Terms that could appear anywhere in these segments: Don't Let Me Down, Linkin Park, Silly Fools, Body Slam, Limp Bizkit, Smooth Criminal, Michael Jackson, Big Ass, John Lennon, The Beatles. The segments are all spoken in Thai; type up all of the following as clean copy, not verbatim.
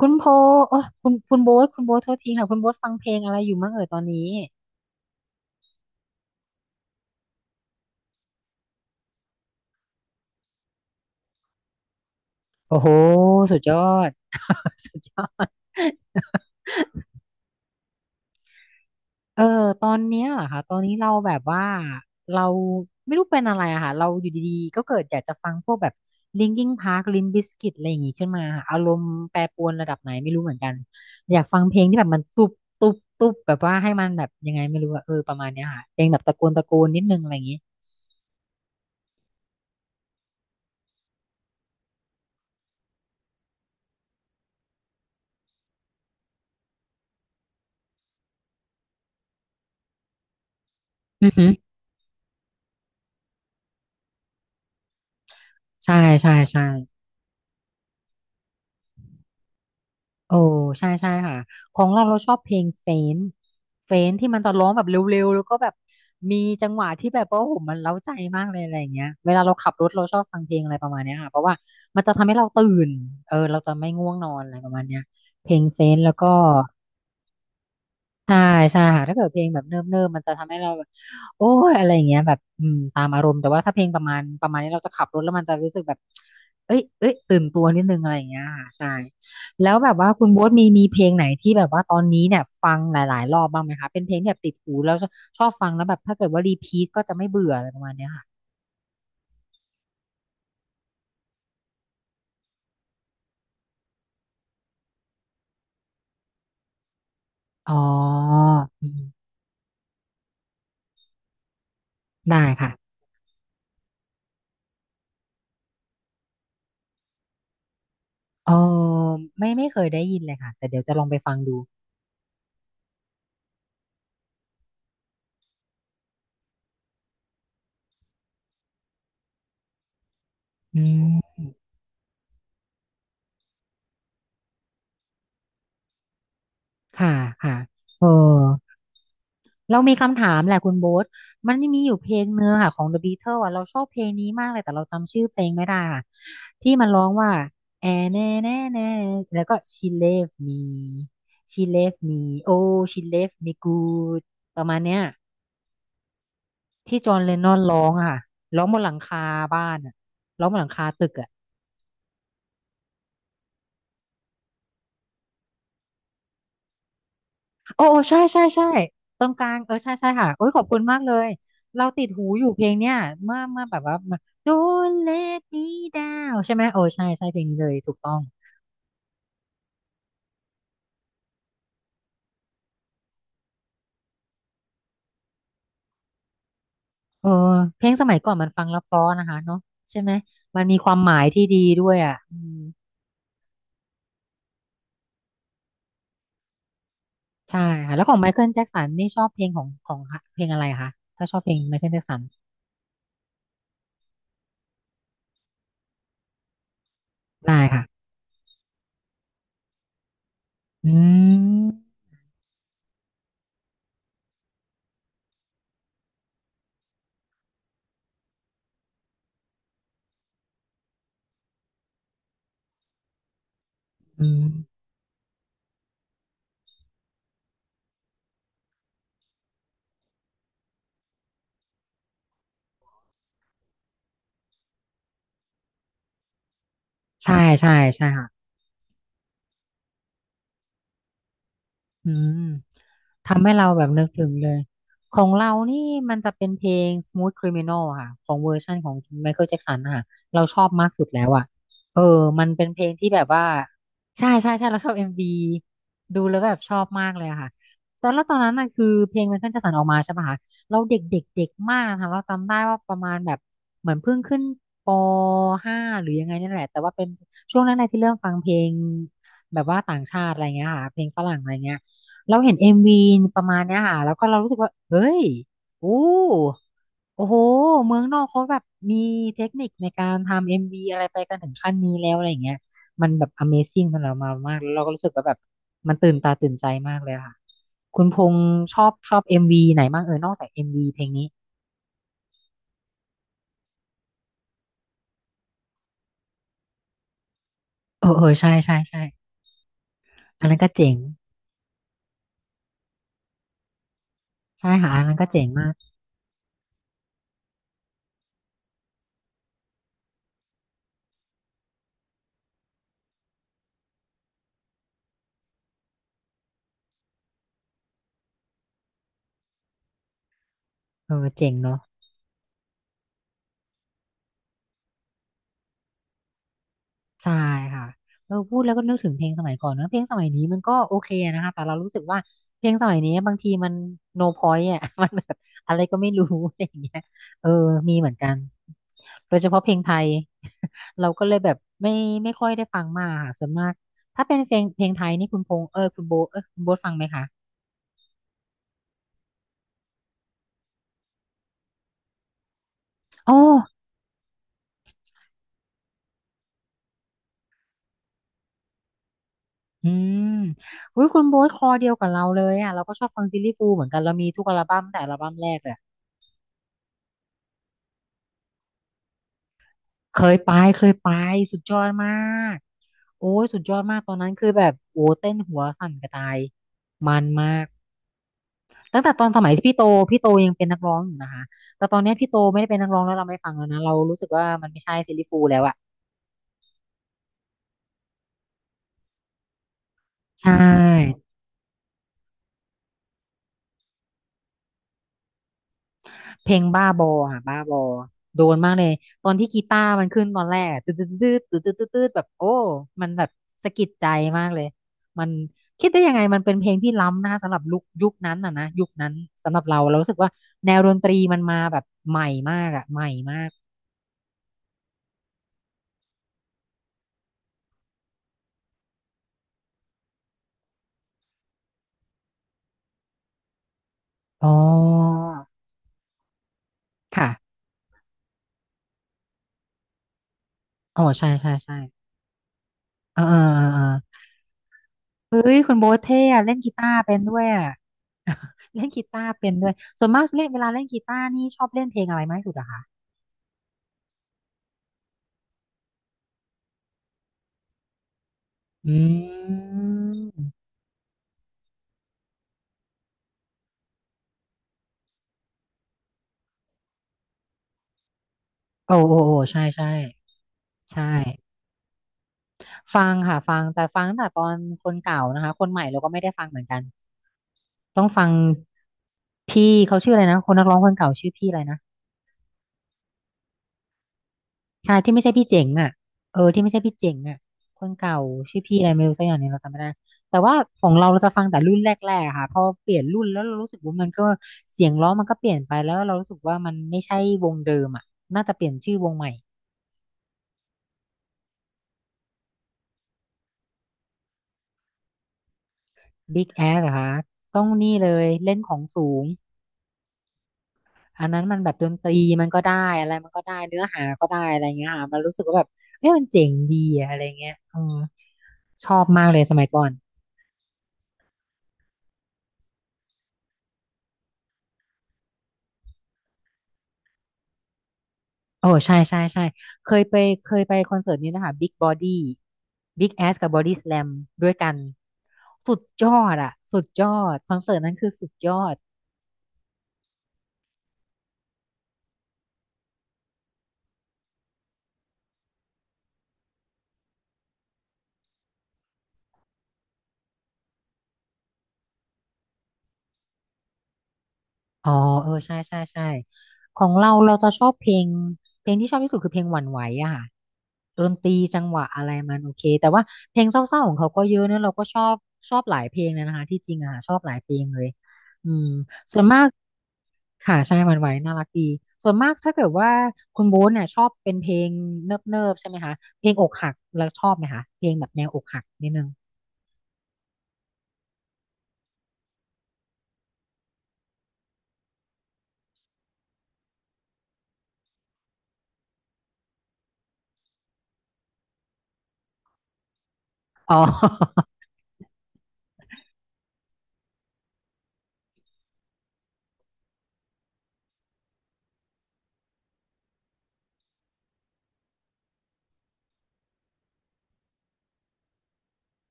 คุณโพโอ้คุณโบ๊ทโทษทีค่ะ คุณโบ๊ทฟังเพลงอะไรอยู่มั่งเอ่ยตอนนี้ โอ้โห สุดยอด สุดยอด เออ ตอนเนี้ยเหรอค่ะ ตอนนี้เราแบบว่าเราไม่รู้เป็นอะไรอะค่ะ เราอยู่ดีๆ ก็เกิดอยากจะฟังพวกแบบ Linkin Park Limp Bizkit อะไรอย่างงี้ขึ้นมาค่ะอารมณ์แปรปรวนระดับไหนไม่รู้เหมือนกัน อยากฟังเพลงที่แบบมันตุบตุบตุบแบบว่าให้มันแบบยังไงไม่รู้อะเออประมาณเนี้ยค่ะเพลงแบบตะโกนตะโกนนิดนึงอะไรอย่างงี้อือหือใช่ใช่ใช่ โอ้ใช่ใช่ค่ะของเราเราชอบเพลงเฟนเฟนที่มันจะร้องแบบเร็วๆแล้วก็แบบมีจังหวะที่แบบว่าโอ้โหมันเร้าใจมากเลยอะไรอย่างเงี้ยเวลาเราขับรถเราชอบฟังเพลงอะไรประมาณเนี้ยค่ะเพราะว่ามันจะทำให้เราตื่นเออเราจะไม่ง่วงนอนอะไรประมาณเนี้ยเพลงเฟนแล้วก็ ใช่ใช่ค่ะถ้าเกิดเพลงแบบเนิ่มๆมมันจะทำให้เราแบบโอ้ยอะไรอย่างเงี้ยแบบอืมตามอารมณ์แต่ว่าถ้าเพลงประมาณนี้เราจะขับรถแล้วมันจะรู้สึกแบบเอ้ยเอ้ยตื่นตัวนิดนึงอะไรอย่างเงี้ยค่ะใช่แล้วแบบว่าคุณโบ๊ทมีเพลงไหนที่แบบว่าตอนนี้เนี่ยฟังหลายๆรอบบ้างไหมคะเป็นเพลงที่แบบติดหูแล้วชอบฟังแล้วแบบถ้าเกิดว่ารีพีทก็จะไม่เบื่ออะไรประมาณเนี้ยค่ะอ๋ออืมได้ค่ะเออไม่เคยได้ยินเลยค่ะแต่เดี๋ยวจะลองไปฟังดูอืมค่ะค่ะเออ เรามีคำถามแหละคุณโบ๊ทมันมีอยู่เพลงเนื้อค่ะของ The Beatles อ่ะเราชอบเพลงนี้มากเลยแต่เราจำชื่อเพลงไม่ได้ค่ะที่มันร้องว่าแอแน่แล้วก็ she left me she left me oh she left me good ประมาณเนี้ยที่จอห์นเลนนอนร้องอะค่ะร้องบนหลังคาบ้านอะร้องบนหลังคาตึกอะ โอ้โอ้ใช่ใช่ใช่ตรงกลางเออใช่ใช่ค่ะโอ้ยขอบคุณมากเลยเราติดหูอยู่เพลงเนี้ยเมื่อแบบว่า Don't let me down ใช่ไหมโอ้ใช่ใช่เพลงนี้เลยถูกต้องเออเพลงสมัยก่อนมันฟังแล้วเพราะนะคะเนาะใช่ไหมมันมีความหมายที่ดีด้วยอ่ะอืมใช่ค่ะแล้วของไมเคิลแจ็คสันนี่ชอบเพลงของเพลงอะไรคะถ้าชอบเพลงไมเคิลแจ็คสันได้ค่ะอืมอืมใช่ใช่ใช่ค่ะ อืมทำให้เราแบบนึกถึงเลยของเรานี่มันจะเป็นเพลง Smooth Criminal อะค่ะของเวอร์ชันของ Michael Jackson อะค่ะเราชอบมากสุดแล้วอะเออมันเป็นเพลงที่แบบว่าใช่ใช่ใช่เราชอบ MV ดูแล้วแบบชอบมากเลยอะค่ะตอนแล้วตอนนั้นน่ะคือเพลง Michael Jackson ออกมาใช่ปะคะเราเด็กเด็กเด็กมากนะคะเราจำได้ว่าประมาณแบบเหมือนเพิ่งขึ้นปห้าหรือยังไงนี่แหละแต่ว่าเป็นช่วงนั้นแหละที่เริ่มฟังเพลงแบบว่าต่างชาติอะไรเงี้ยค่ะเพลงฝรั่งอะไรเงี้ย เราเห็นเอ็มวีประมาณเนี้ยค่ะแล้วก็เรารู้สึกว่าเฮ้ยอู้โอ้โหเมืองนอกเขาแบบมีเทคนิคในการทำเอ็มวีอะไรไปกันถึงขั้นนี้แล้วอะไรอย่างเงี้ยมันแบบ Amazing สำหรับเรามากแล้วเราก็รู้สึกว่าแบบมันตื่นตาตื่นใจมากเลยค่ะคุณพงษ์ชอบเอ็มวีไหนบ้างเออนอกจากเอ็มวีเพลงนี้เออเออใช่ใช่ใช่อันนั้นก็เจ๋งใช่ค่ะอันนั้นก็เจ๋งมากเออเจ๋งเนาะ ใช่ค่ะเออพูดแล้วก็นึกถึงเพลงสมัยก่อนเนอะเพลงสมัยนี้มันก็โอเคนะคะแต่เรารู้สึกว่าเพลงสมัยนี้บางทีมัน no point อ่ะ มันแบบอะไรก็ไม่รู้ อะไรอย่างเงี้ยเออมีเหมือนกันโดยเฉพาะเพลงไทย เราก็เลยแบบไม่ค่อยได้ฟังมากค่ะส่วนมากถ้าเป็นเพลงไทยนี่คุณพงษ์เออคุณโบเออคุณโบทฟังไหมคะอ๋ออืมอุ้ยคุณโบทคอเดียวกับเราเลยอ่ะเราก็ชอบฟังซิลลี่ฟูลส์เหมือนกันเรามีทุกอัลบั้มตั้งแต่อัลบั้มแรกเลย เคยไปเคยไปสุดยอดมากโอ้ยสุดยอดมากตอนนั้นคือแบบโอ้เต้นหัวสั่นกระจายมันมากตั้งแต่ตอนสมัยที่พี่โตยังเป็นนักร้องอยู่นะคะแต่ตอนเนี้ยพี่โตไม่ได้เป็นนักร้องแล้วเราไม่ฟังแล้วนะเรารู้สึกว่ามันไม่ใช่ซิลลี่ฟูลแล้วอะใช่ เพลงบ้าบออ่ะบ้าบอโดนมากเลยตอนที่กีตาร์มันขึ้นตอนแรกอะตืดตืดตืดตืดตืดตืดแบบโอ้มันแบบสะกิดใจมากเลยมันคิดได้ยังไงมันเป็นเพลงที่ล้ำนะคะสำหรับลุคยุคนั้นอ่ะนะยุคนั้นสำหรับเราเรารู้สึกว่าแนวดนตรีมันมาแบบใหม่มากอ่ะใหม่มากอ๋อค่ะอ๋อใช่ใช่ใช่อ่าอ่าอ่าอ่าเฮ้ยคุณโบ๊ทเท่อะเล่นกีตาร์เป็นด้วยอ่ะ เล่นกีตาร์เป็นด้วยส่วนมากเล่นเวลาเล่นกีตาร์นี่ชอบเล่นเพลงอะไรมากที่สุดอะคะ อืมโอ้โอ้โอ้ใช่ใช่ใช่ฟังค่ะฟังแต่ฟังตั้งแต่ตอนคนเก่านะคะคนใหม่เราก็ไม่ได้ฟังเหมือนกันต้องฟังพี่เขาชื่ออะไรนะคนนักร้องคนเก่าชื่อพี่อะไรนะใช่ที่ไม่ใช่พี่เจ๋งอ่ะเออที่ไม่ใช่พี่เจ๋งอ่ะคนเก่าชื่อพี่อะไรไม่รู้สักอย่างหนึงเราจำไม่ได้แต่ว่าของเราเราจะฟังแต่รุ่นแรกๆอะค่ะพอเปลี่ยนรุ่นแล้วเรารู้สึกว่ามันก็เสียงร้องมันก็เปลี่ยนไปแล้วเรารู้สึกว่ามันไม่ใช่วงเดิมอ่ะน่าจะเปลี่ยนชื่อวงใหม่ Big Ass เหรอคะต้องนี่เลยเล่นของสูงอันนั้นมันแบบดนตรีมันก็ได้อะไรมันก็ได้เนื้อหาก็ได้อะไรเงี้ยค่ะมันรู้สึกว่าแบบเอ้ยมันเจ๋งดีอะอะไรเงี้ยเออชอบมากเลยสมัยก่อนโอ้ใช่ใช่ใช่เคยไปเคยไปคอนเสิร์ตนี้นะคะ Big Body Big แ s สกับ Body Slam ด้ส a ลมด้วยกันสุดยอดอะสุดยอดคอนเสิร์ตนั้นคือสุดยอด อ๋อเออใช่ใช่ใช่ของเราเราจะชอบเพลงเพลงที่ชอบที่สุดคือเพลงหวั่นไหวอะค่ะดนตรีจังหวะอะไรมันโอเคแต่ว่าเพลงเศร้าๆของเขาก็เยอะนะเราก็ชอบชอบหลายเพลงเลยนะคะที่จริงอะค่ะชอบหลายเพลงเลยอืมส่วนมากค่ะใช่หวั่นไหวน่ารักดีส่วนมากถ้าเกิดว่าคุณโบ๊ทเนี่ยชอบเป็นเพลงเนิบๆใช่ไหมคะเพลงอกหักแล้วชอบไหมคะเพลงแบบแนวอกหักนิดนึงอ๋อ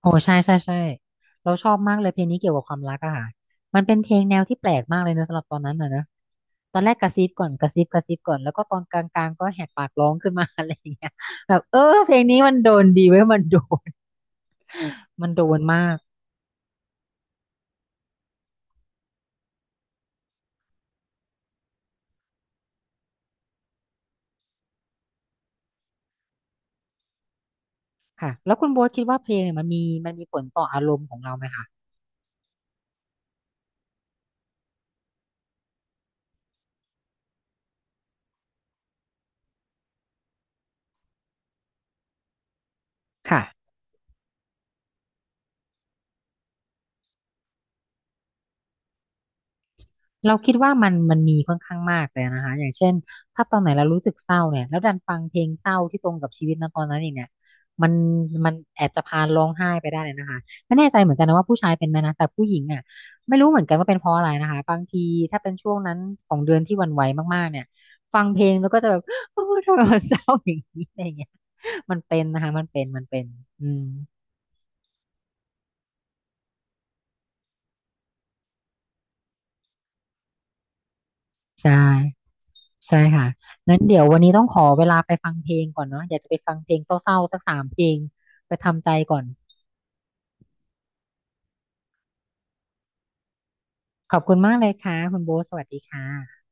โอ้ใช่ใช่ใช่เราชอบมากเลยเพลงนี้เกี่ยวกับความรักอะค่ะมันเป็นเพลงแนวที่แปลกมากเลยเนอะสำหรับตอนนั้นนะเนอะตอนแรกกระซิบก่อนกระซิบกระซิบก่อนแล้วก็ตอนกลางๆก็แหกปากร้องขึ้นมา อะไรอย่างเงี้ยแบบเออเพลงนี้มันโดนดีเว้ยนมันโดนมากค่ะแล้วคุณโบ๊ทคิดว่าเพลงเนี่ยมันมีผลต่ออารมณ์ของเราไหมคะค่ะ เราคิดว่ามันมันมีค่อนข้างมากเลยนะคะอย่างเช่นถ้าตอนไหนเรารู้สึกเศร้าเนี่ยแล้วดันฟังเพลงเศร้าที่ตรงกับชีวิตนะตอนนั้นอีกเนี่ยมันมันแอบจะพาร้องไห้ไปได้เลยนะคะไม่แน่ใจเหมือนกันนะว่าผู้ชายเป็นไหมนะแต่ผู้หญิงอ่ะไม่รู้เหมือนกันว่าเป็นเพราะอะไรนะคะบางทีถ้าเป็นช่วงนั้นของเดือนที่หวั่นไหวมากๆเนี่ยฟังเพลงแล้วก็จะแบบ โอ้ทำไมมันเศร้าอย่างนี้อะไรอย่างเงี้ยมันเป็นนะคะมันเป็นมันเป็นอืมใช่ ใช่ค่ะงั้นเดี๋ยววันนี้ต้องขอเวลาไปฟังเพลงก่อนเนาะอยากจะไปฟังเพลงเศร้าๆสัก3 เพลงไปทำใจก่อนขอบคุณมากเลยค่ะคุณโบทสวัสดีค่ะ